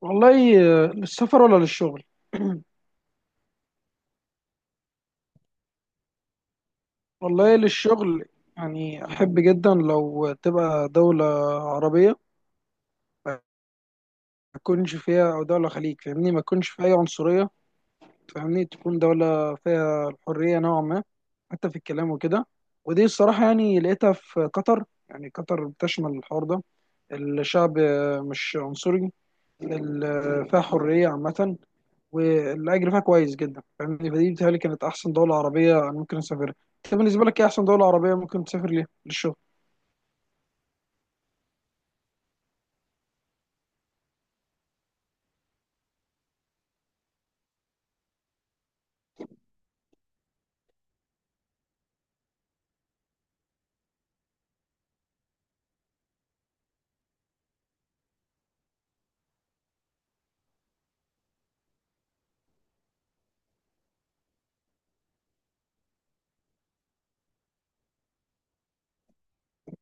والله. للسفر ولا للشغل؟ والله للشغل. يعني احب جدا لو تبقى دولة عربية ما يكونش فيها، او دولة خليج، فاهمني؟ ما يكونش فيها اي عنصرية، فاهمني؟ تكون دولة فيها الحرية نوعا ما، حتى في الكلام وكده. ودي الصراحة يعني لقيتها في قطر. يعني قطر بتشمل الحوار ده. الشعب مش عنصري. فيها حرية عامة والاجر فيها كويس جدا، فاهمني؟ فدي بتهيألي كانت احسن دوله عربيه انا ممكن اسافرها. انت بالنسبه لك ايه احسن دوله عربيه ممكن تسافر ليها للشغل؟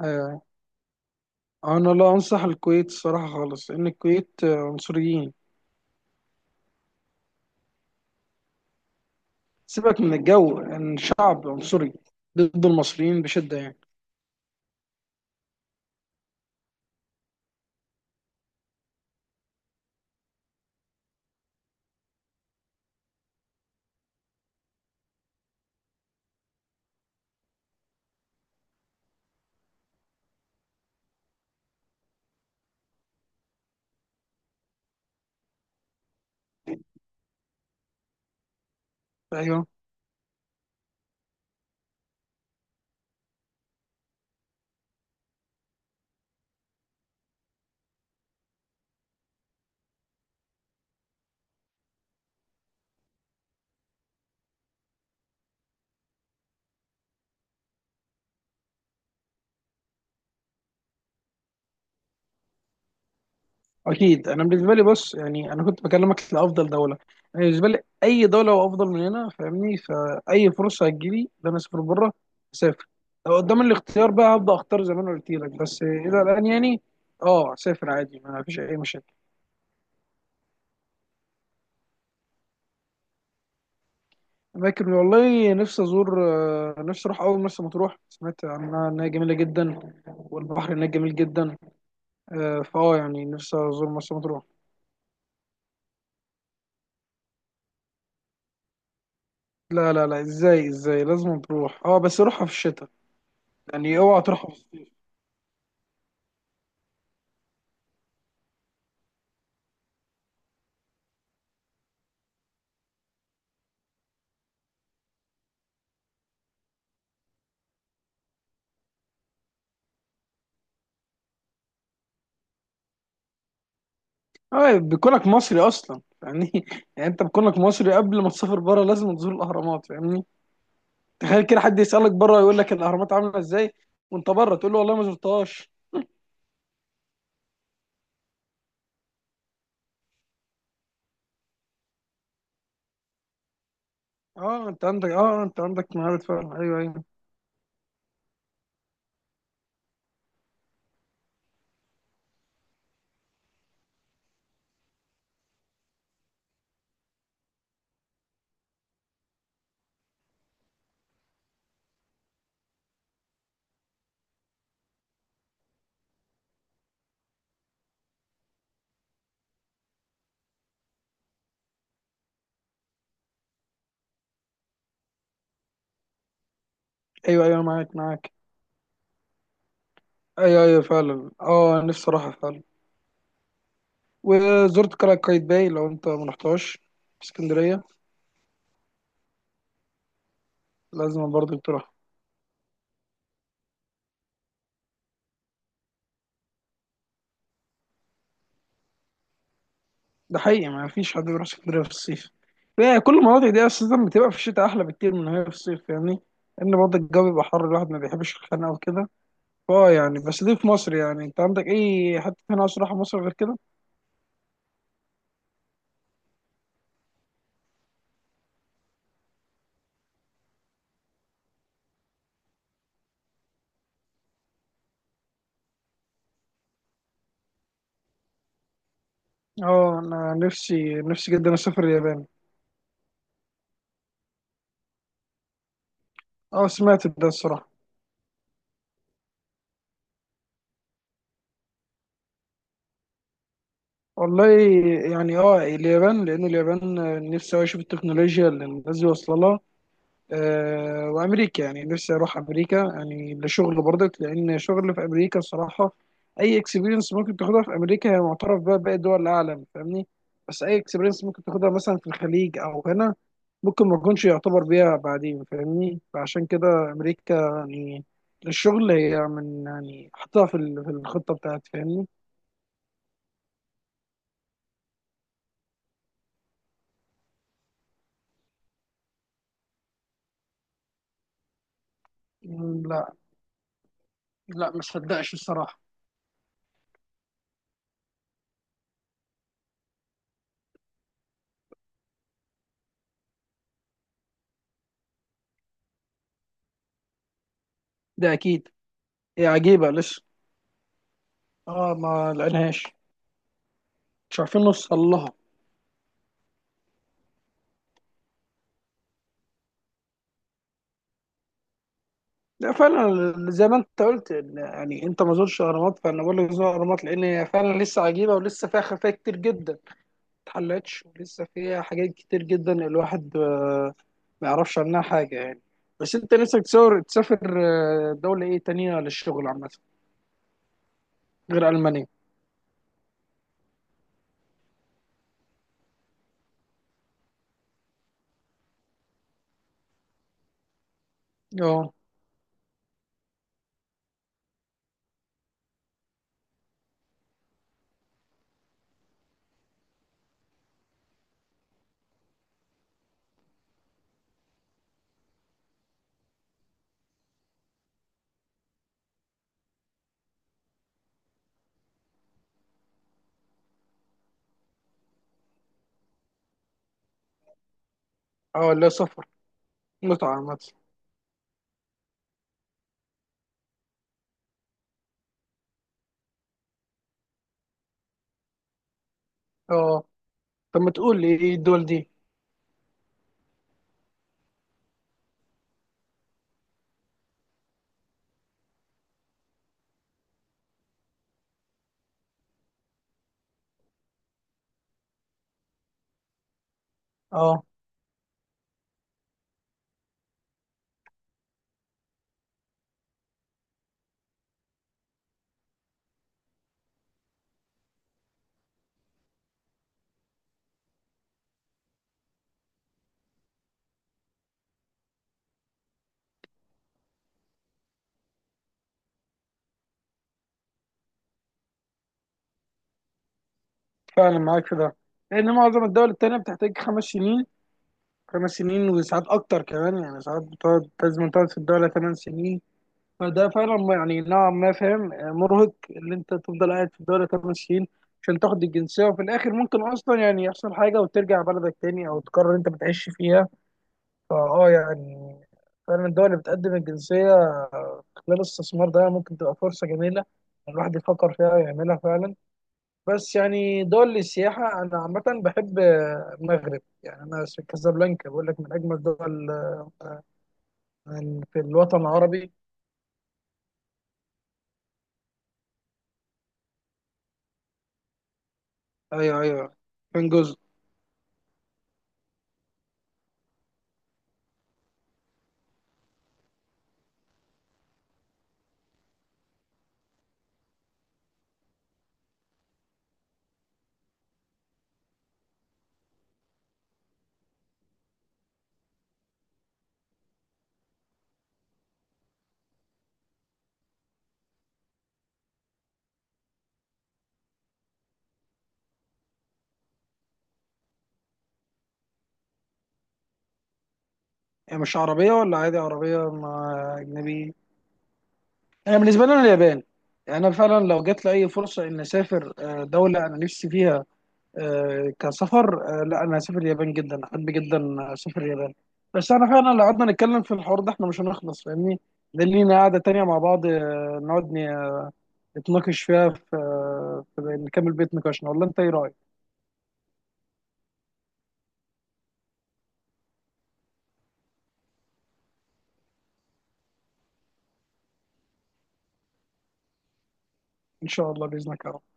آه. انا لا انصح الكويت الصراحه خالص. ان الكويت عنصريين. سيبك من الجو، ان يعني الشعب عنصري ضد المصريين بشده يعني. ايوه، اكيد. انا بالنسبه لي بص، يعني انا كنت بكلمك لافضل دوله. انا بالنسبه لي اي دوله هو افضل من هنا، فاهمني؟ فاي فرصه هتجيلي ان انا اسافر بره، اسافر. لو قدام الاختيار بقى هبدا اختار زي ما انا قلت لك. بس الى الان يعني اه اسافر عادي، ما فيش اي مشاكل. لكن والله نفسي ازور، نفسي اروح اول مرسى مطروح. سمعت عنها انها جميله جدا، والبحر هناك جميل جدا. فاه يعني نفسي ازور مرسى مطروح. لا لا لا، ازاي؟ ازاي؟ لازم تروح. اه بس روحها في الشتاء. يعني اوعى تروحها. اه، بكونك مصري اصلا يعني يعني انت بكونك مصري قبل ما تسافر بره لازم تزور الاهرامات، فاهمني؟ تخيل كده حد يسالك بره يقول لك الاهرامات عامله ازاي، وانت بره تقول له والله ما زرتهاش. اه انت عندك مهارة فعلا. ايوه ايوه. ايوه ايوه معاك معاك. ايوه ايوه فعلا، اه نفسي اروحها فعلا. وزرت قلعه قايتباي، لو انت ما رحتهاش في اسكندريه لازم برضه تروح. ده حقيقي ما فيش حد بيروح اسكندريه في الصيف. يعني كل المناطق دي اساسا بتبقى في الشتاء احلى بكتير من هي في الصيف يعني. لان برضه الجو بيبقى حر، الواحد ما بيحبش الخناقه وكده. اه يعني بس دي في مصر. يعني انت عندك اي حته هنا عاوز تروحها في مصر غير كده؟ اه انا نفسي نفسي جدا اسافر اليابان. اه سمعت ده الصراحه. والله، يعني اه اليابان، لان اليابان نفسي أوي اشوف التكنولوجيا اللي الناس دي واصله لها. وامريكا يعني نفسي اروح امريكا يعني لشغل برضك. لان شغل في امريكا الصراحه، اي اكسبيرينس ممكن تاخدها في امريكا هي معترف بها باقي دول العالم، فاهمني؟ بس اي اكسبيرينس ممكن تاخدها مثلا في الخليج او هنا ممكن ما تكونش يعتبر بيها بعدين، فاهمني؟ فعشان كده امريكا، يعني للشغل هي من يعني حطها في الخطه بتاعتي، فاهمني؟ مم، لا. لا ما صدقش الصراحه. ده اكيد، هي عجيبه لسه، اه ما لقيناهاش، مش عارفين نوصل لها. لا فعلا زي ما انت قلت، يعني انت ما زرتش الاهرامات، فانا بقول لك زور الاهرامات لان هي فعلا لسه عجيبه ولسه فيها خفايا كتير جدا ما اتحلتش، ولسه فيها حاجات كتير جدا الواحد ما يعرفش عنها حاجه يعني. بس انت نفسك تصور تسافر دوله ايه تانية للشغل عامه غير المانيا؟ اه اه، لا سفر، متعه عامه. اه طب ما تقول لي ايه الدول دي. اه فعلا معاك في ده. لان معظم الدول التانية بتحتاج 5 سنين. 5 سنين، وساعات اكتر كمان. يعني ساعات بتقعد، لازم تقعد في الدوله 8 سنين. فده فعلا يعني نوعا ما فاهم، مرهق اللي انت تفضل قاعد في الدوله 8 سنين عشان تاخد الجنسيه، وفي الاخر ممكن اصلا يعني يحصل حاجه وترجع بلدك تاني او تقرر انت بتعيش فيها. فاه يعني فعلا الدول اللي بتقدم الجنسيه خلال الاستثمار ده ممكن تبقى فرصه جميله الواحد يفكر فيها ويعملها فعلا. بس يعني دول السياحه انا عامه بحب المغرب. يعني انا في كازابلانكا، بقول لك من اجمل دول في الوطن العربي. ايوه ايوه، فين جزء. يعني مش عربيه ولا عادي عربيه مع اجنبي؟ انا بالنسبه لي انا اليابان. يعني انا فعلا لو جات لي اي فرصه ان اسافر دوله انا نفسي فيها، كسفر، لا انا هسافر اليابان، جدا احب جدا اسافر اليابان. بس انا فعلا لو قعدنا نتكلم في الحوار ده احنا مش هنخلص، فاهمني؟ ده لينا قعده تانيه مع بعض نقعد نتناقش فيها في نكمل بيت نقاشنا. ولا انت ايه رايك؟ ان شاء الله باذنك يا رب.